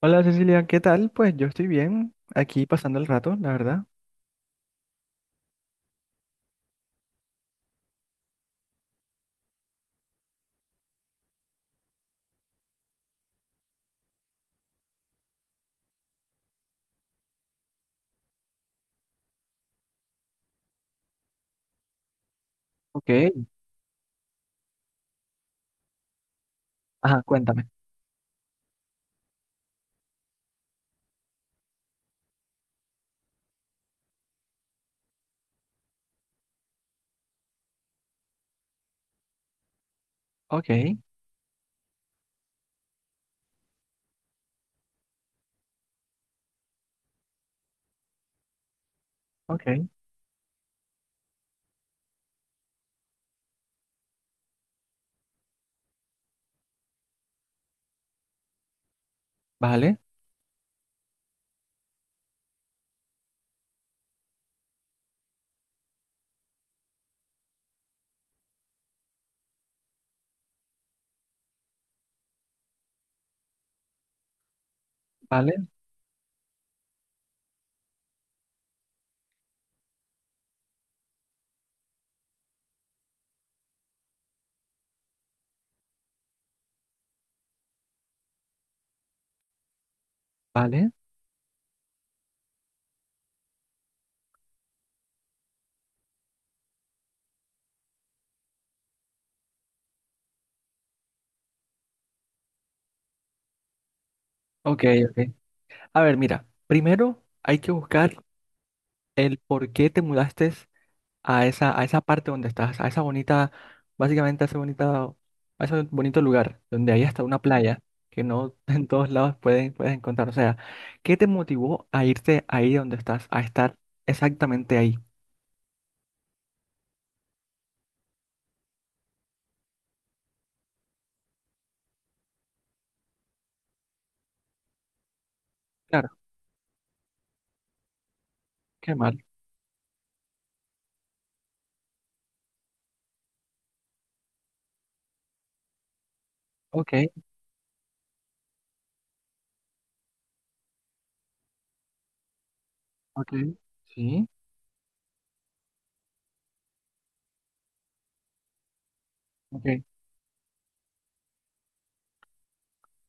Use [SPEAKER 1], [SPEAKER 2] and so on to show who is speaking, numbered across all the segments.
[SPEAKER 1] Hola Cecilia, ¿qué tal? Pues yo estoy bien, aquí pasando el rato, la verdad. Ok, ajá, cuéntame. Ok, ok, vale, vale, vale. Ok, ok. A ver, mira, primero hay que buscar el por qué te mudaste a esa parte donde estás, a esa bonita, básicamente a ese bonita, a ese bonito lugar, donde hay hasta una playa que no en todos lados puedes encontrar. O sea, ¿qué te motivó a irte ahí donde estás, a estar exactamente ahí? Claro, qué mal. Ok. Ok, sí, ok,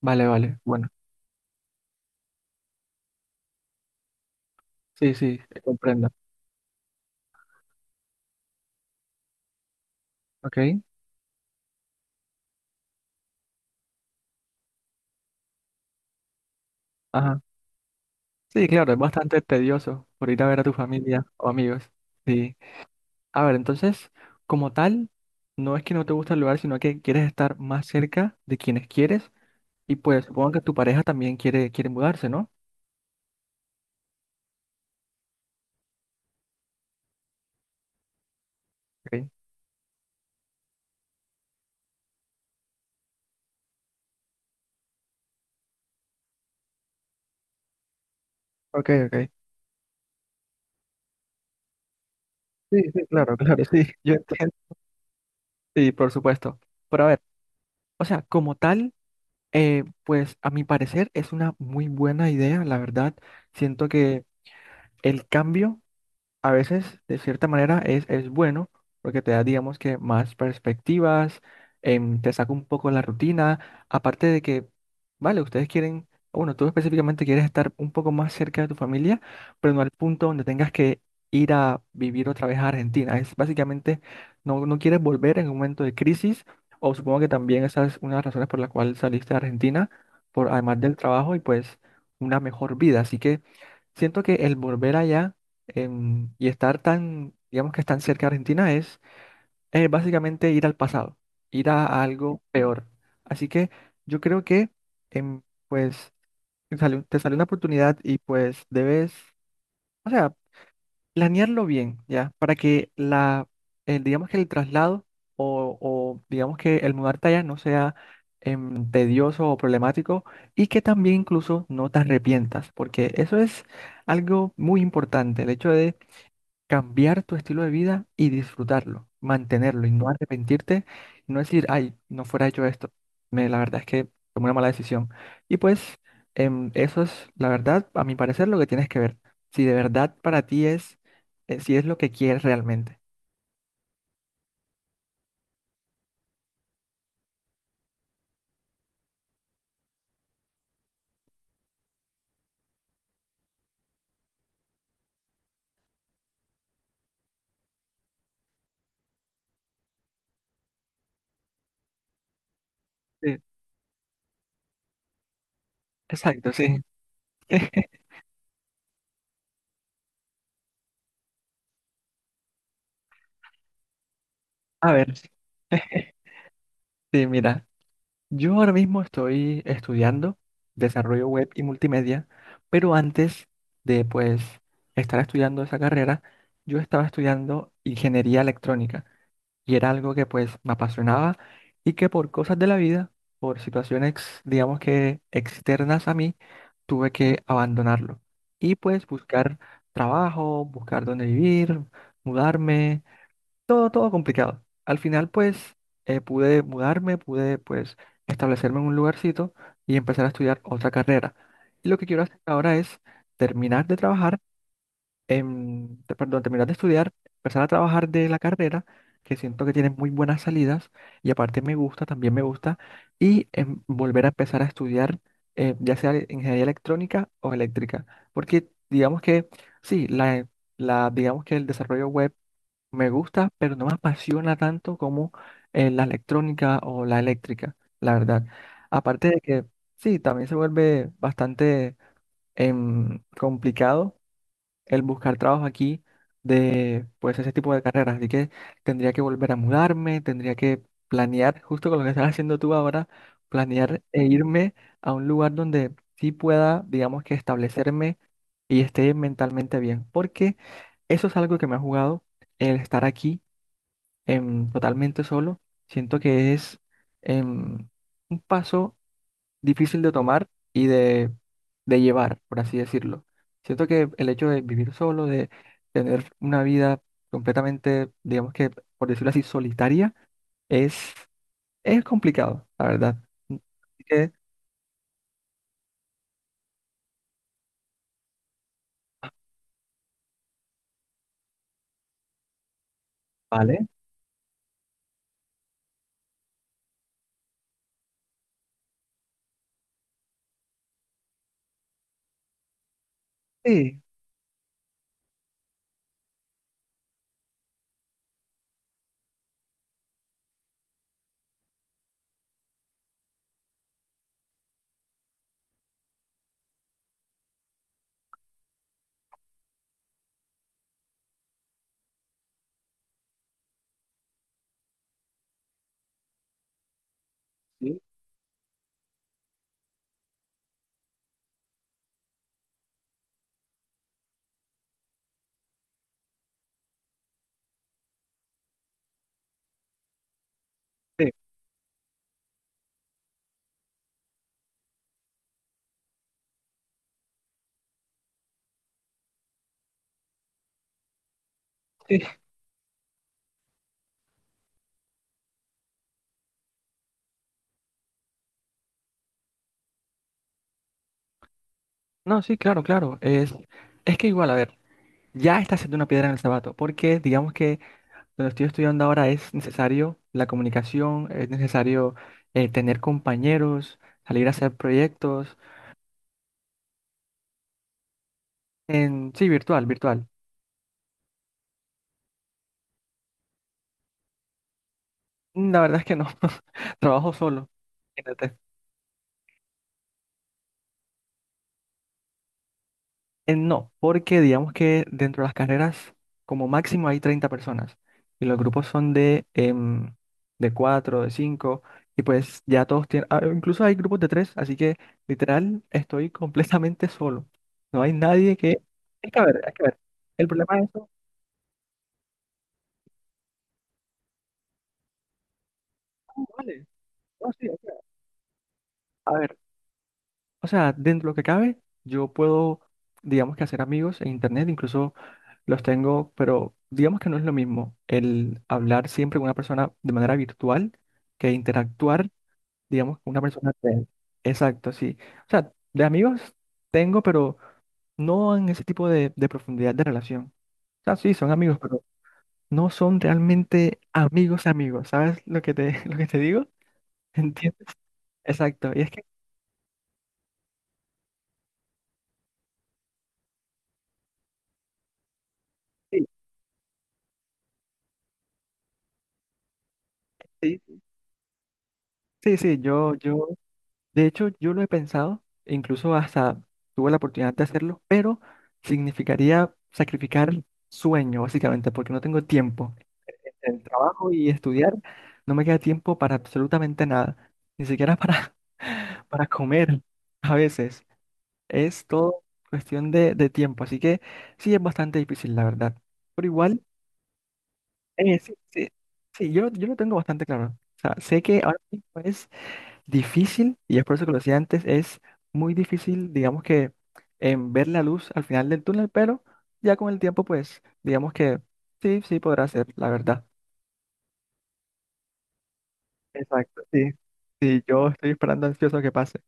[SPEAKER 1] vale, vale, bueno, sí, sí, te comprendo, ok, ajá, sí, claro, es bastante tedioso por ir a ver a tu familia o amigos. Sí, a ver, entonces, como tal, no es que no te gusta el lugar, sino que quieres estar más cerca de quienes quieres y pues supongo que tu pareja también quiere mudarse, ¿no? Ok, ok, ok, sí, sí, claro, claro, sí, yo entiendo, sí, por supuesto, pero a ver, o sea, como tal, pues a mi parecer es una muy buena idea, la verdad, siento que el cambio a veces, de cierta manera, es bueno porque te da, digamos que, más perspectivas, te saca un poco la rutina, aparte de que, vale, ustedes quieren, bueno, tú específicamente quieres estar un poco más cerca de tu familia, pero no al punto donde tengas que ir a vivir otra vez a Argentina. Es básicamente, no quieres volver en un momento de crisis, o supongo que también esa es una de las razones por la cual saliste de Argentina, por, además del trabajo y pues una mejor vida. Así que... Siento que el volver allá y estar tan, digamos que tan cerca de Argentina es básicamente ir al pasado, ir a algo peor. Así que yo creo que, em, pues, te sale una oportunidad y pues debes, o sea, planearlo bien, ¿ya? Para que digamos que el traslado o digamos que el mudarte allá no sea tedioso o problemático y que también incluso no te arrepientas, porque eso es algo muy importante, el hecho cambiar tu estilo de vida y disfrutarlo, mantenerlo y no arrepentirte y no decir, ay, no fuera hecho esto. Me, la verdad es que tomé una mala decisión. Y pues eso es, la verdad, a mi parecer, lo que tienes que ver. Si de verdad para ti si es lo que quieres realmente. Sí, exacto, sí. A ver, sí, mira. Yo ahora mismo estoy estudiando desarrollo web y multimedia, pero antes de pues estar estudiando esa carrera, yo estaba estudiando ingeniería electrónica y era algo que pues me apasionaba y que por cosas de la vida, por situaciones digamos que externas a mí, tuve que abandonarlo y pues buscar trabajo, buscar dónde vivir, mudarme todo, todo complicado. Al final, pues, pude mudarme, pude, pues, establecerme en un lugarcito y empezar a estudiar otra carrera. Y lo que quiero hacer ahora es terminar de trabajar, perdón, terminar de estudiar, empezar a trabajar de la carrera, que siento que tiene muy buenas salidas y aparte me gusta, también me gusta, y volver a empezar a estudiar, ya sea ingeniería electrónica o eléctrica, porque digamos que, sí, la, digamos que el desarrollo web me gusta, pero no me apasiona tanto como la electrónica o la eléctrica, la verdad. Aparte de que, sí, también se vuelve bastante complicado el buscar trabajo aquí de, pues, ese tipo de carreras. Así que tendría que volver a mudarme, tendría que planear, justo con lo que estás haciendo tú ahora, planear e irme a un lugar donde sí pueda, digamos que establecerme y esté mentalmente bien. Porque eso es algo que me ha jugado el estar aquí totalmente solo, siento que es em, un paso difícil de tomar y de llevar, por así decirlo. Siento que el hecho de vivir solo, de tener una vida completamente, digamos que, por decirlo así, solitaria, es, es complicado, la verdad. Así que, vale, sí, sí, sí, sí. No, sí, claro, claro. Es que igual, a ver, ya está siendo una piedra en el zapato, porque digamos que donde estoy estudiando ahora es necesario la comunicación, es necesario tener compañeros, salir a hacer proyectos, en sí, virtual. La verdad es que no, trabajo solo, imagínate. No, porque digamos que dentro de las carreras como máximo hay 30 personas y los grupos son de, de 4 de 5 y pues ya todos tienen, ah, incluso hay grupos de 3 así que literal estoy completamente solo. No hay nadie que... Es que a ver, es que a ver. El problema es vale. No, sí, o sea, a ver, o sea, dentro de lo que cabe, yo puedo, digamos que hacer amigos en internet, incluso los tengo, pero digamos que no es lo mismo el hablar siempre con una persona de manera virtual que interactuar, digamos, con una persona real. Exacto, sí. O sea, de amigos tengo, pero no en ese tipo de profundidad de relación. O sea, sí, son amigos, pero no son realmente amigos amigos. ¿Sabes lo que te, lo que te digo? ¿Entiendes? Exacto. Y es que sí, sí, sí, sí, yo, de hecho, yo lo he pensado, e incluso hasta tuve la oportunidad de hacerlo, pero significaría sacrificar sueño, básicamente, porque no tengo tiempo. El trabajo y estudiar no me queda tiempo para absolutamente nada, ni siquiera para, para comer a veces. Es todo cuestión de tiempo, así que sí es bastante difícil, la verdad. Pero igual, sí, sí, sí, yo lo tengo bastante claro. O sea, sé que ahora mismo difícil, y es por eso que lo decía antes, es muy difícil, digamos que, en ver la luz al final del túnel, pero ya con el tiempo, pues, digamos que sí, sí podrá ser, la verdad. Exacto, sí. Sí, yo estoy esperando ansioso que pase.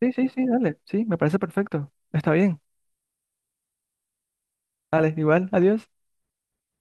[SPEAKER 1] Sí, sí, sí, dale, sí, me parece perfecto. Está bien. Dale, igual, adiós.